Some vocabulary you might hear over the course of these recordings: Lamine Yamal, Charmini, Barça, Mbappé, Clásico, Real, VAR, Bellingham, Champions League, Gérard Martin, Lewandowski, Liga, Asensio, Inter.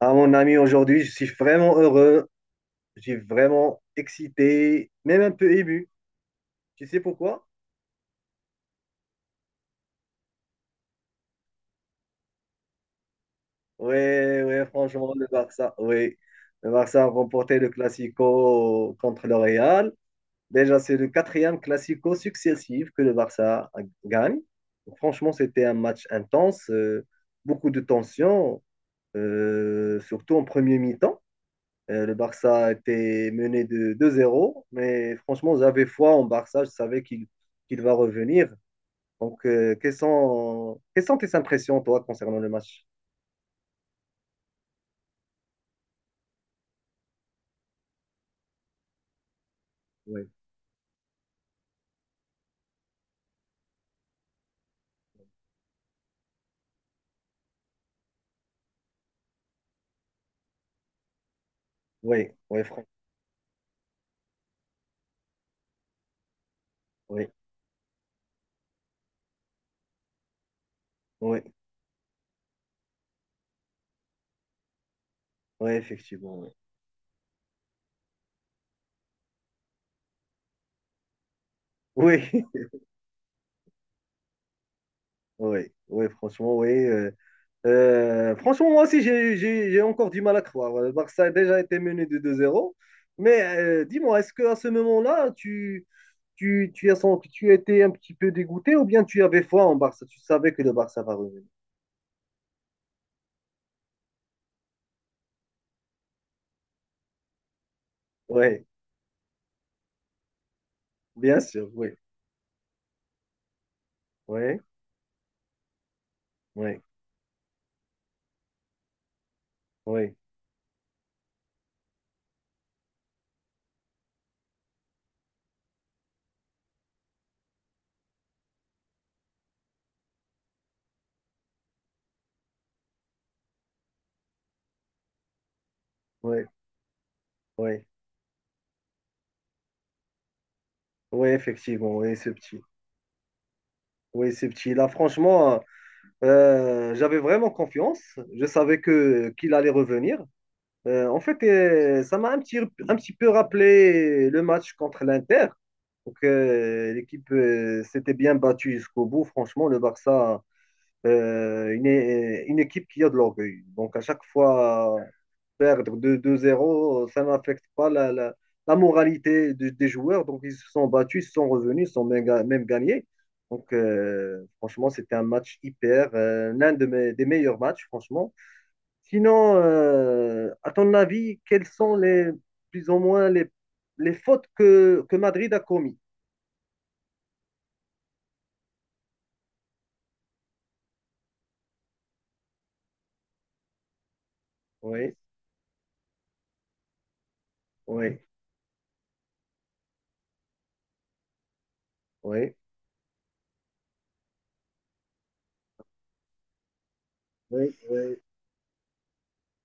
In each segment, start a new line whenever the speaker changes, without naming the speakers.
Ah, mon ami, aujourd'hui, je suis vraiment heureux. Je suis vraiment excité, même un peu ému. Tu sais pourquoi? Oui, oui, franchement, le Barça, oui. Le Barça a remporté le Classico contre le Real. Déjà, c'est le quatrième Classico successif que le Barça gagne. Franchement, c'était un match intense, beaucoup de tension, surtout en premier mi-temps. Le Barça était mené de 2-0, mais franchement, j'avais foi en Barça. Je savais qu'il va revenir. Donc, quelles sont tes impressions, toi, concernant le match? Oui, oui, oui, oui, oui, oui, effectivement, oui. Oui, oui, oui. Franchement, moi aussi, j'ai encore du mal à croire. Le Barça a déjà été mené de 2-0. Mais dis-moi, est-ce qu'à ce moment-là, tu as sens tu étais un petit peu dégoûté ou bien tu avais foi en Barça? Tu savais que le Barça va revenir. Oui, bien sûr, oui. Oui, oui, oui, oui, oui. Oui, effectivement, oui, ce petit. Oui, ce petit. Là, franchement, j'avais vraiment confiance. Je savais que qu'il allait revenir. En fait, ça m'a un petit peu rappelé le match contre l'Inter. Donc, l'équipe s'était bien battue jusqu'au bout. Franchement, le Barça, une équipe qui a de l'orgueil. Donc, à chaque fois, perdre 2 2-0, ça n'affecte pas la moralité des joueurs. Donc, ils se sont battus, ils se sont revenus, ils se sont même gagnés. Donc, franchement, c'était un match hyper, l'un de mes, des meilleurs matchs, franchement. Sinon, à ton avis, quelles sont les plus ou moins les fautes que Madrid a commises? Oui, oui, oui, oui, oui.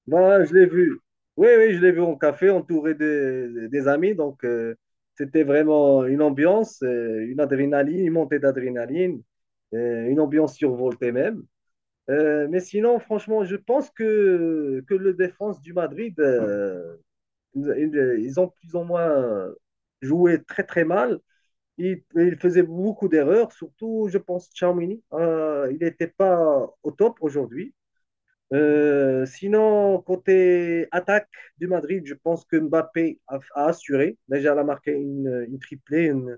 Moi, je l'ai vu. Oui, oui, je l'ai vu en café, entouré des amis. Donc, c'était vraiment une ambiance, une adrénaline, une montée d'adrénaline, une ambiance survoltée même. Mais sinon, franchement, je pense que le défense du Madrid, Ils ils ont plus ou moins joué très très mal. Il faisait beaucoup d'erreurs, surtout, je pense, Charmini. Il n'était pas au top aujourd'hui. Sinon, côté attaque du Madrid, je pense que Mbappé a assuré. Déjà, il a marqué une triplée. une-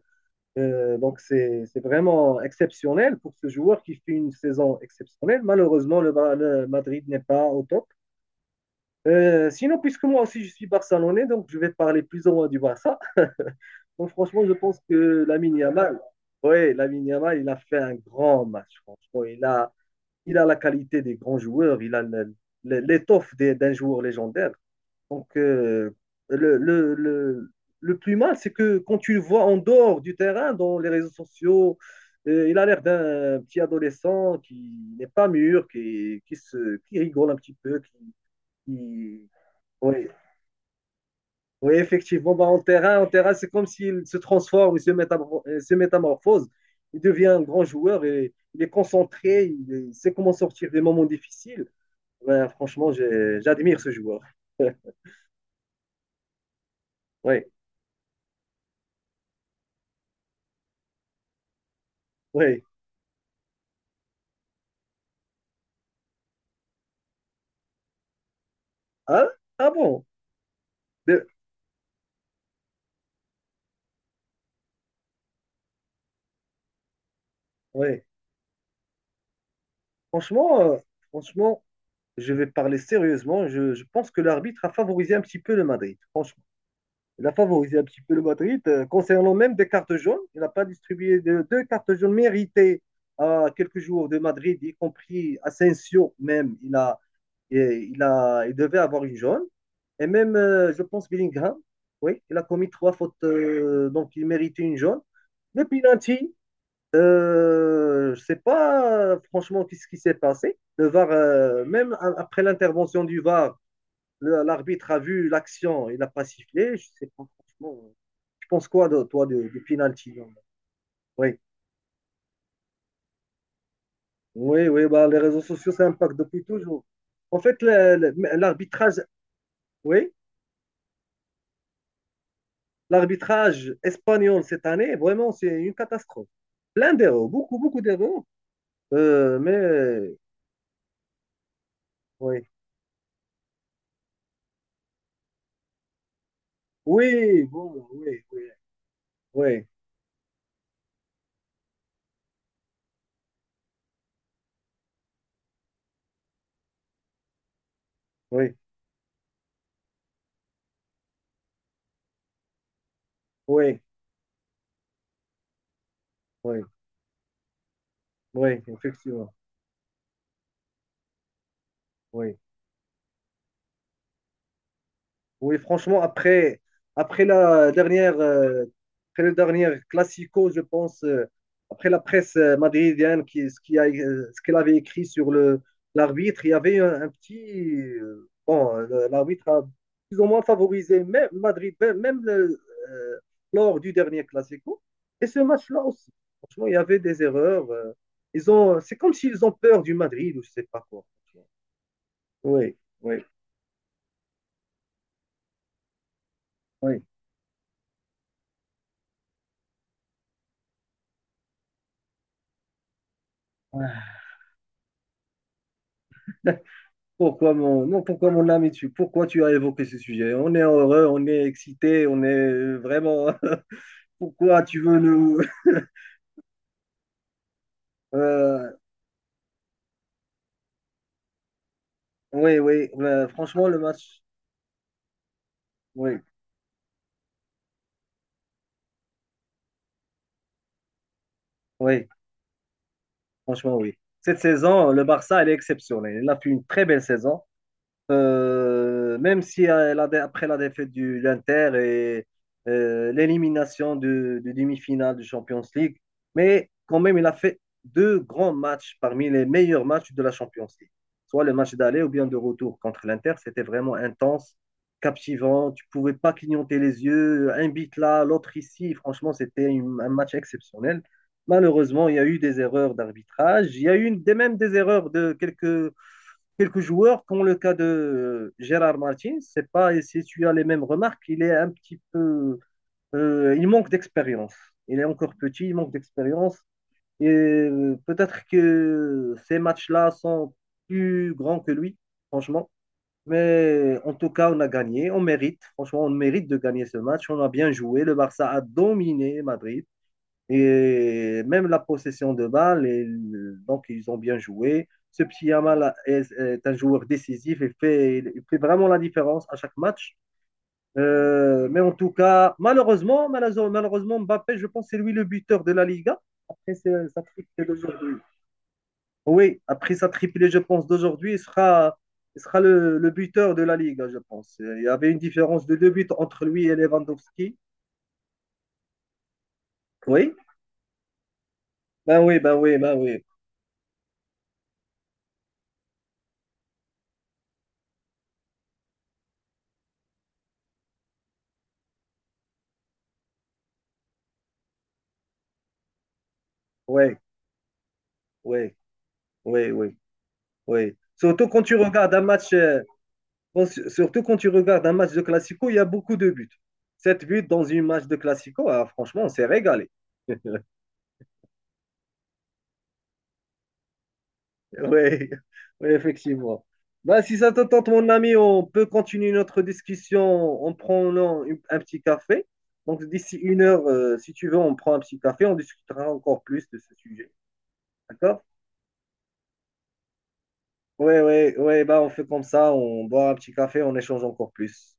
euh, Donc, c'est vraiment exceptionnel pour ce joueur qui fait une saison exceptionnelle. Malheureusement, le Madrid n'est pas au top. Sinon, puisque moi aussi je suis barcelonais, donc je vais parler plus ou moins du Barça. Donc, franchement, je pense que Lamine Yamal, ouais, Lamine Yamal, il a fait un grand match, franchement. Il a la qualité des grands joueurs, il a l'étoffe d'un joueur légendaire. Donc, le, le, le, le plus mal, c'est que quand tu le vois en dehors du terrain, dans les réseaux sociaux, il a l'air d'un petit adolescent qui n'est pas mûr, qui rigole un petit peu, qui, ouais, oui, effectivement, bah, en terrain, c'est comme s'il se transforme, il se métamorphose, il devient un grand joueur, et, il est concentré, il sait comment sortir des moments difficiles. Ben franchement, j'admire ce joueur. Oui, oui. Ah, ah bon? De- ouais. Franchement, franchement, je vais parler sérieusement. Je pense que l'arbitre a favorisé un petit peu le Madrid. Franchement. Il a favorisé un petit peu le Madrid. Concernant même des cartes jaunes, il n'a pas distribué deux cartes jaunes méritées à quelques joueurs de Madrid, y compris Asensio même. Il devait avoir une jaune. Et même, je pense, Bellingham, oui, il a commis trois fautes, donc il méritait une jaune. Le penalty, je ne sais pas franchement qu'est-ce qui s'est passé. Le VAR, même après l'intervention du VAR, l'arbitre a vu l'action, il n'a pas sifflé. Je ne sais pas franchement. Tu penses quoi, de, toi, du penalty? Oui, oui, oui, bah, les réseaux sociaux, ça impacte depuis toujours. En fait, l'arbitrage, oui, l'arbitrage espagnol cette année, vraiment, c'est une catastrophe. Plein d'erreurs, beaucoup, beaucoup d'erreurs. Mais, oui, oui, bon, oui, oui, oui, oui, oui, oui, oui, effectivement, oui. Oui, franchement, après, après la dernière, après le dernier Classico, je pense, après la presse madridienne, qui, ce qui a, ce qu'elle avait écrit sur l'arbitre, il y avait un petit. Bon, l'arbitre a plus ou moins favorisé même Madrid, même euh, lors du dernier Classico. Et ce match-là aussi. Franchement, il y avait des erreurs. Ils ont, c'est comme s'ils ont peur du Madrid ou je sais pas quoi. Oui, oui, oui. Ah. Pourquoi mon, non, pourquoi mon ami, tu, pourquoi tu as évoqué ce sujet? On est heureux, on est excité, on est vraiment. Pourquoi tu veux nous. Euh, oui, oui, franchement, le match. Oui, oui, franchement, oui. Cette saison, le Barça, elle est exceptionnelle. Elle a fait une très belle saison. Même si après la défaite de l'Inter et l'élimination de demi-finale du Champions League, mais quand même, il a fait deux grands matchs parmi les meilleurs matchs de la Champions League. Soit le match d'aller ou bien de retour contre l'Inter, c'était vraiment intense, captivant, tu pouvais pas clignoter les yeux, un but là, l'autre ici, franchement, c'était un match exceptionnel. Malheureusement, il y a eu des erreurs d'arbitrage, il y a eu même des erreurs de quelques joueurs, comme le cas de Gérard Martin, c'est pas si tu as les mêmes remarques, il est un petit peu, il manque d'expérience. Il est encore petit, il manque d'expérience. Et peut-être que ces matchs-là sont plus grands que lui, franchement. Mais en tout cas, on a gagné, on mérite. Franchement, on mérite de gagner ce match. On a bien joué. Le Barça a dominé Madrid. Et même la possession de balle, et donc ils ont bien joué. Ce petit Yamal est un joueur décisif et il fait vraiment la différence à chaque match. Mais en tout cas, malheureusement, Mbappé, je pense, c'est lui le buteur de la Liga. Après sa triplée d'aujourd'hui. Oui, après sa triplée, je pense, d'aujourd'hui, il sera le buteur de la Liga, je pense. Il y avait une différence de deux buts entre lui et Lewandowski. Oui, ben oui, ben oui, ben oui. Oui, oui, oui, oui. Oui. Surtout quand tu regardes un match, surtout quand tu regardes un match de Classico, il y a beaucoup de buts. Sept buts dans une match de Classico, ah, franchement, on s'est régalé. Oui, oui, effectivement. Bah, si ça te tente, mon ami, on peut continuer notre discussion en prenant un petit café. Donc, d'ici une heure, si tu veux, on prend un petit café, on discutera encore plus de ce sujet. D'accord? Oui, oui, oui, bah, on fait comme ça, on boit un petit café, on échange encore plus.